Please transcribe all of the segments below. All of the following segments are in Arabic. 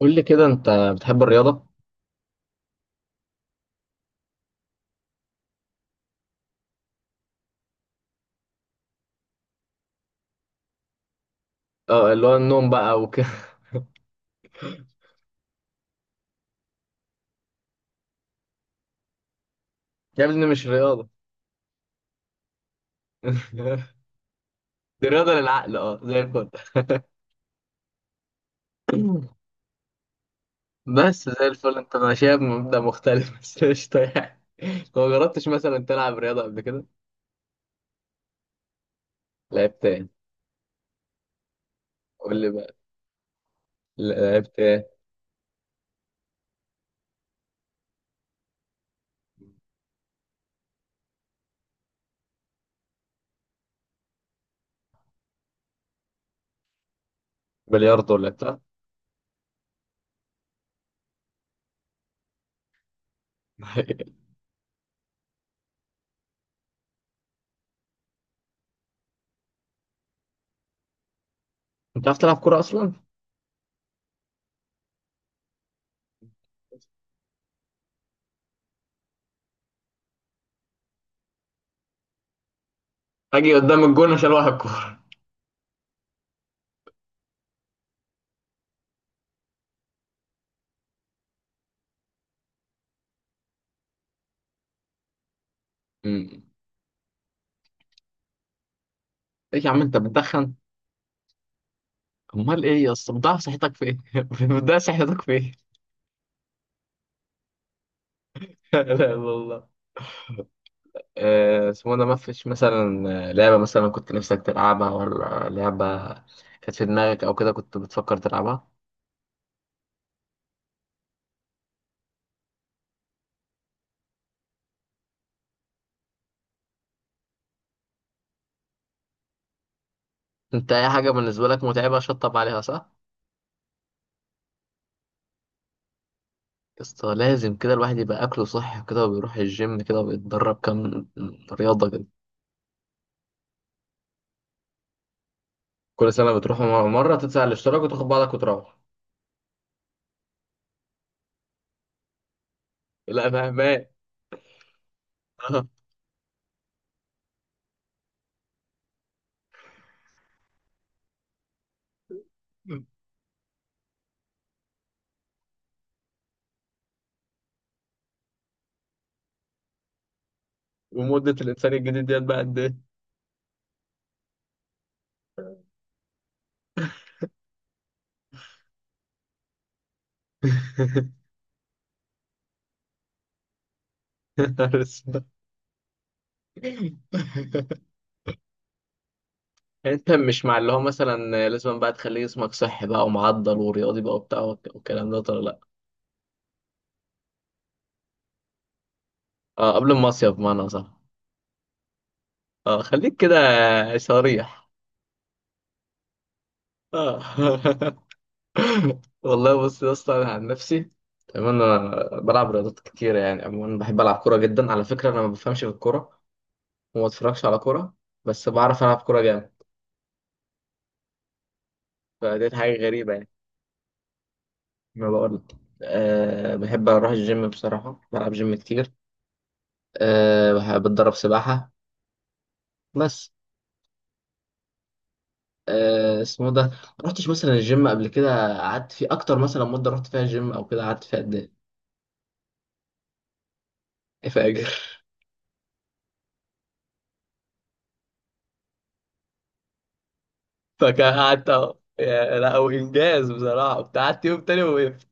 قول لي كده انت بتحب الرياضة؟ اه اللي هو النوم بقى وكده. يا ابني مش رياضة. دي رياضة للعقل، اه زي الفل. بس زي الفل انت ماشيها بمبدأ مختلف. بس قشطة يعني. لو ما جربتش مثلا تلعب رياضة قبل كده؟ لعبت ايه؟ قول لي بقى، لعبت ايه؟ بلياردو ولا بتاع؟ انت عارف تلعب كورة أصلا؟ اجي قدام الجون عشان واحد كورة. امم. ايه؟ يا عم انت بتدخن؟ امال ايه يا اسطى؟ بتضيع صحتك في ايه؟ بتضيع صحتك في ايه؟ لا لا والله. اسمه ده، مفيش مثلا لعبة مثلا كنت نفسك تلعبها، ولا لعبة كانت في دماغك أو كده كنت بتفكر تلعبها؟ أنت أي حاجة بالنسبة لك متعبة شطب عليها، صح؟ يسطا لازم كده الواحد يبقى أكله صحي كده وبيروح الجيم كده وبيتدرب كام رياضة كده. كل سنة بتروح مرة، مرة تدفع الاشتراك وتاخد بعضك وتروح. لا مهما. ومدة الإنسان الجديد ديت بقى قد إيه؟ يا نهار أسود. انت مش مع اللي هو مثلا لازم بقى تخلي جسمك صحي بقى ومعضل ورياضي بقى وبتاع والكلام ده ولا لا؟ اه قبل المصيف، بمعنى صح. اه خليك كده، صريح. اه. والله بص يا اسطى، انا عن نفسي تمام، انا بلعب رياضات كتير يعني عموما، بحب العب كوره جدا. على فكره انا ما بفهمش في الكوره وما بتفرجش على كوره، بس بعرف العب كوره جامد. فديت حاجه غريبه يعني، ما بقول. أه بحب اروح الجيم، بصراحه بلعب جيم كتير. أه بحب اتدرب سباحه بس. اسمه ده، ما رحتش مثلا الجيم قبل كده قعدت فيه اكتر؟ مثلا مده رحت فيها الجيم او كده قعدت فيها قد ايه فاكر؟ فكان قعدت أهو. لا هو انجاز بصراحه، كنت قعدت يوم تاني ووقفت.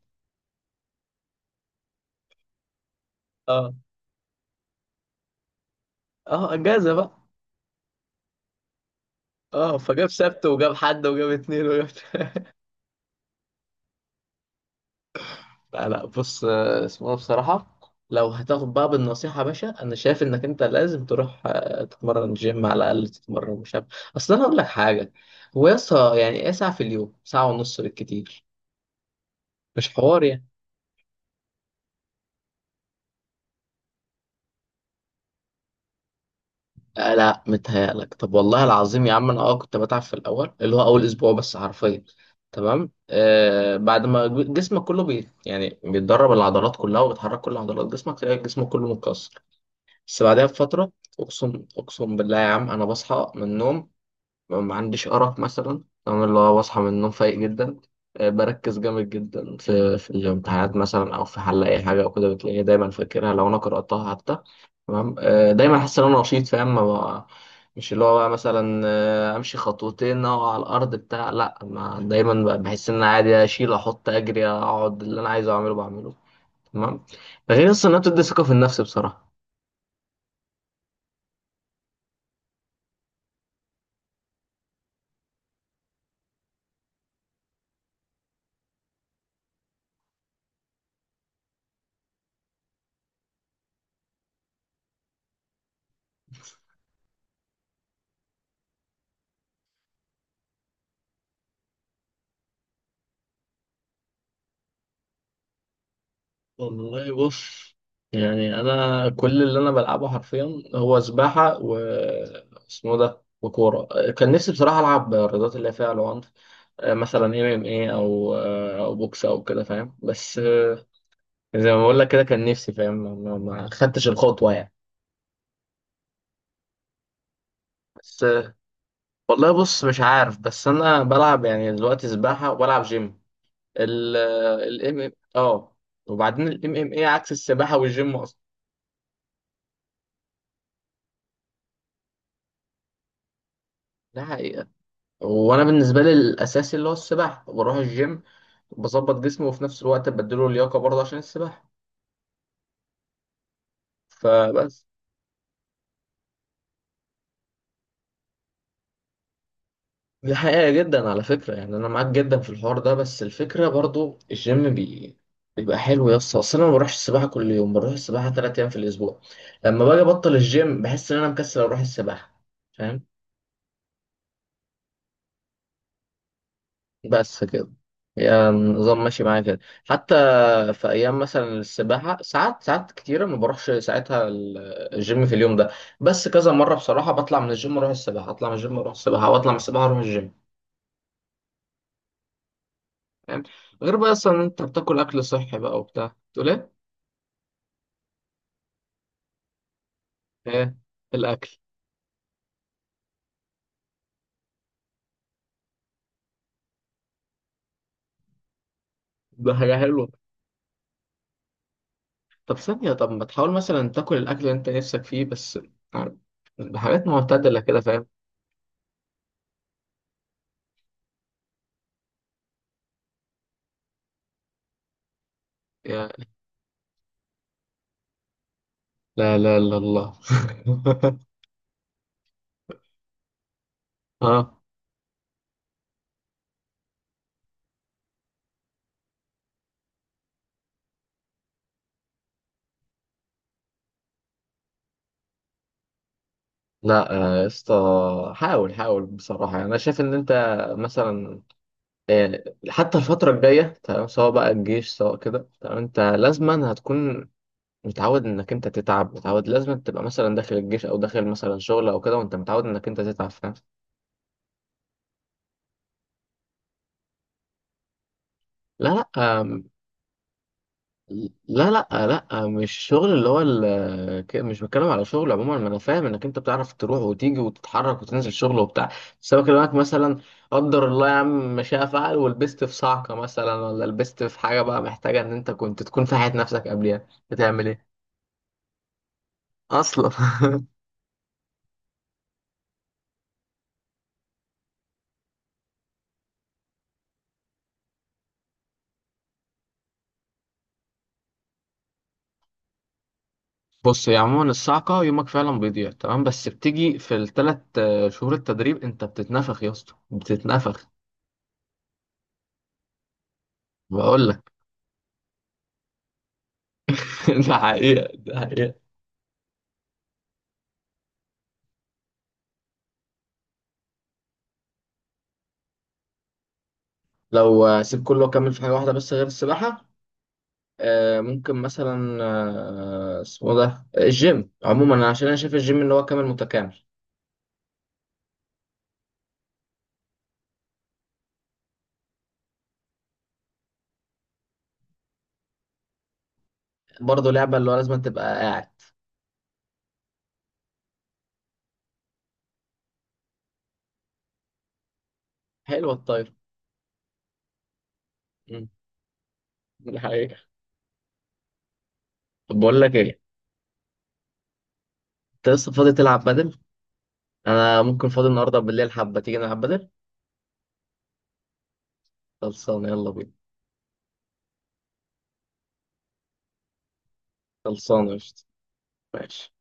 اه اه انجازه بقى. اه فجاب سبت وجاب حد وجاب اتنين وجاب. لا لا بص، اسمه ده بصراحه، لو هتاخد بقى بالنصيحه يا باشا، انا شايف انك انت لازم تروح تتمرن جيم، على الاقل تتمرن مش عارف. اصل انا اقول لك حاجه، هو يا اسطى يعني ايه ساعه في اليوم، ساعه ونص بالكتير؟ مش حوار يعني. آه لا متهيألك، طب والله العظيم يا عم انا اه كنت بتعب في الاول اللي هو اول اسبوع بس، حرفيا تمام. آه بعد ما جسمك كله بي يعني بيتدرب، العضلات كلها وبتحرك كل عضلات جسمك تلاقي جسمك كله متكسر، بس بعدها بفتره اقسم اقسم بالله يا عم انا بصحى من النوم، ما عنديش أرق مثلا تمام، اللي هو بصحى من النوم فايق جدا. بركز جامد جدا في الامتحانات مثلا، أو في حل أي حاجة أو كده بتلاقيني دايما فاكرها لو أنا قرأتها حتى. تمام. دايما أحس إن أنا نشيط فاهم ما بقى- مش اللي هو بقى مثلا، أمشي خطوتين أقع على الأرض بتاع، لأ ما دايما بقى بحس إن أنا عادي أشيل أحط أجري أقعد، اللي أنا عايزه أعمله بعمله. تمام. ده غير أصلا إنها بتدي ثقة في النفس بصراحة. والله بص، يعني انا كل اللي انا بلعبه حرفيا هو سباحه و اسمه ده وكوره. كان نفسي بصراحه العب الرياضات اللي هي فيها العنف. مثلا ام ام اي او او بوكس او كده فاهم، بس زي ما بقول لك كده كان نفسي فاهم ما ما خدتش الخطوه يعني. بس والله بص مش عارف، بس انا بلعب يعني دلوقتي سباحه وبلعب جيم، ال ال MMA اه، وبعدين الام ام اي عكس السباحه والجيم اصلا. ده حقيقة. وانا بالنسبه لي الاساسي اللي هو السباحه، بروح الجيم بظبط جسمي وفي نفس الوقت بديله لياقه برضه عشان السباحه. فبس. دي حقيقه جدا على فكره، يعني انا معاك جدا في الحوار ده، بس الفكره برضه الجيم بيبقى حلو يا اسطى. اصل انا ما بروحش السباحه كل يوم، بروح السباحه ثلاث ايام في الاسبوع. لما باجي ابطل الجيم بحس ان انا مكسل اروح السباحه. فاهم؟ بس كده، يعني النظام ماشي معايا كده. حتى في ايام مثلا السباحه ساعات، ساعات كتيره ما بروحش ساعتها الجيم في اليوم ده. بس كذا مره بصراحه بطلع من الجيم اروح السباحه، اطلع من الجيم اروح السباحه، واطلع من السباحه اروح الجيم. فاهم؟ غير بقى اصلا إن انت بتاكل اكل صحي بقى وبتاع. تقول ايه؟ ايه الاكل؟ ده حاجه حلوه. طب ثانيه، طب ما تحاول مثلا تاكل الاكل اللي انت نفسك فيه بس، عارف، بحاجات معتدله كده فاهم. يا لا لا لا الله. اه لا يا اسطى حاول، حاول بصراحة. يعني أنا شايف إن أنت مثلا، حتى الفترة الجاية تمام، سواء بقى الجيش سواء كده تمام، أنت لازما هتكون متعود إنك أنت تتعب، متعود لازما تبقى مثلا داخل الجيش أو داخل مثلا شغل أو كده وأنت متعود إنك أنت تتعب. فاهم؟ لا لا لا لا لا مش شغل اللي هو مش بتكلم على شغل عموما، ما انا فاهم انك انت بتعرف تروح وتيجي وتتحرك وتنزل شغل وبتاع، بس انا بكلمك مثلا قدر الله يا عم ما شاء فعل، ولبست في صعقه مثلا، ولا لبست في حاجه بقى محتاجه ان انت كنت تكون في حياه نفسك قبلها بتعمل ايه اصلا. بص هي عموما الصعقه يومك فعلا بيضيع تمام، بس بتيجي في الثلاث شهور التدريب انت بتتنفخ يا اسطى، بتتنفخ. بقول لك. ده حقيقه، ده حقيقه. لو سيب كله وأكمل في حاجة واحدة بس غير السباحة، ممكن مثلا اسمه ده الجيم عموما، عشان أنا شايف الجيم إن هو كامل متكامل. برضه لعبة اللي هو لازم تبقى قاعد. حلوة الطايرة. مم، دي حقيقة. طب بقول لك إيه، أنت لسه فاضي تلعب بدل؟ أنا ممكن فاضي النهاردة بالليل، حبة تيجي نلعب بدل؟ خلصانة، يلا بينا. خلصانة، قشطة. ماشي.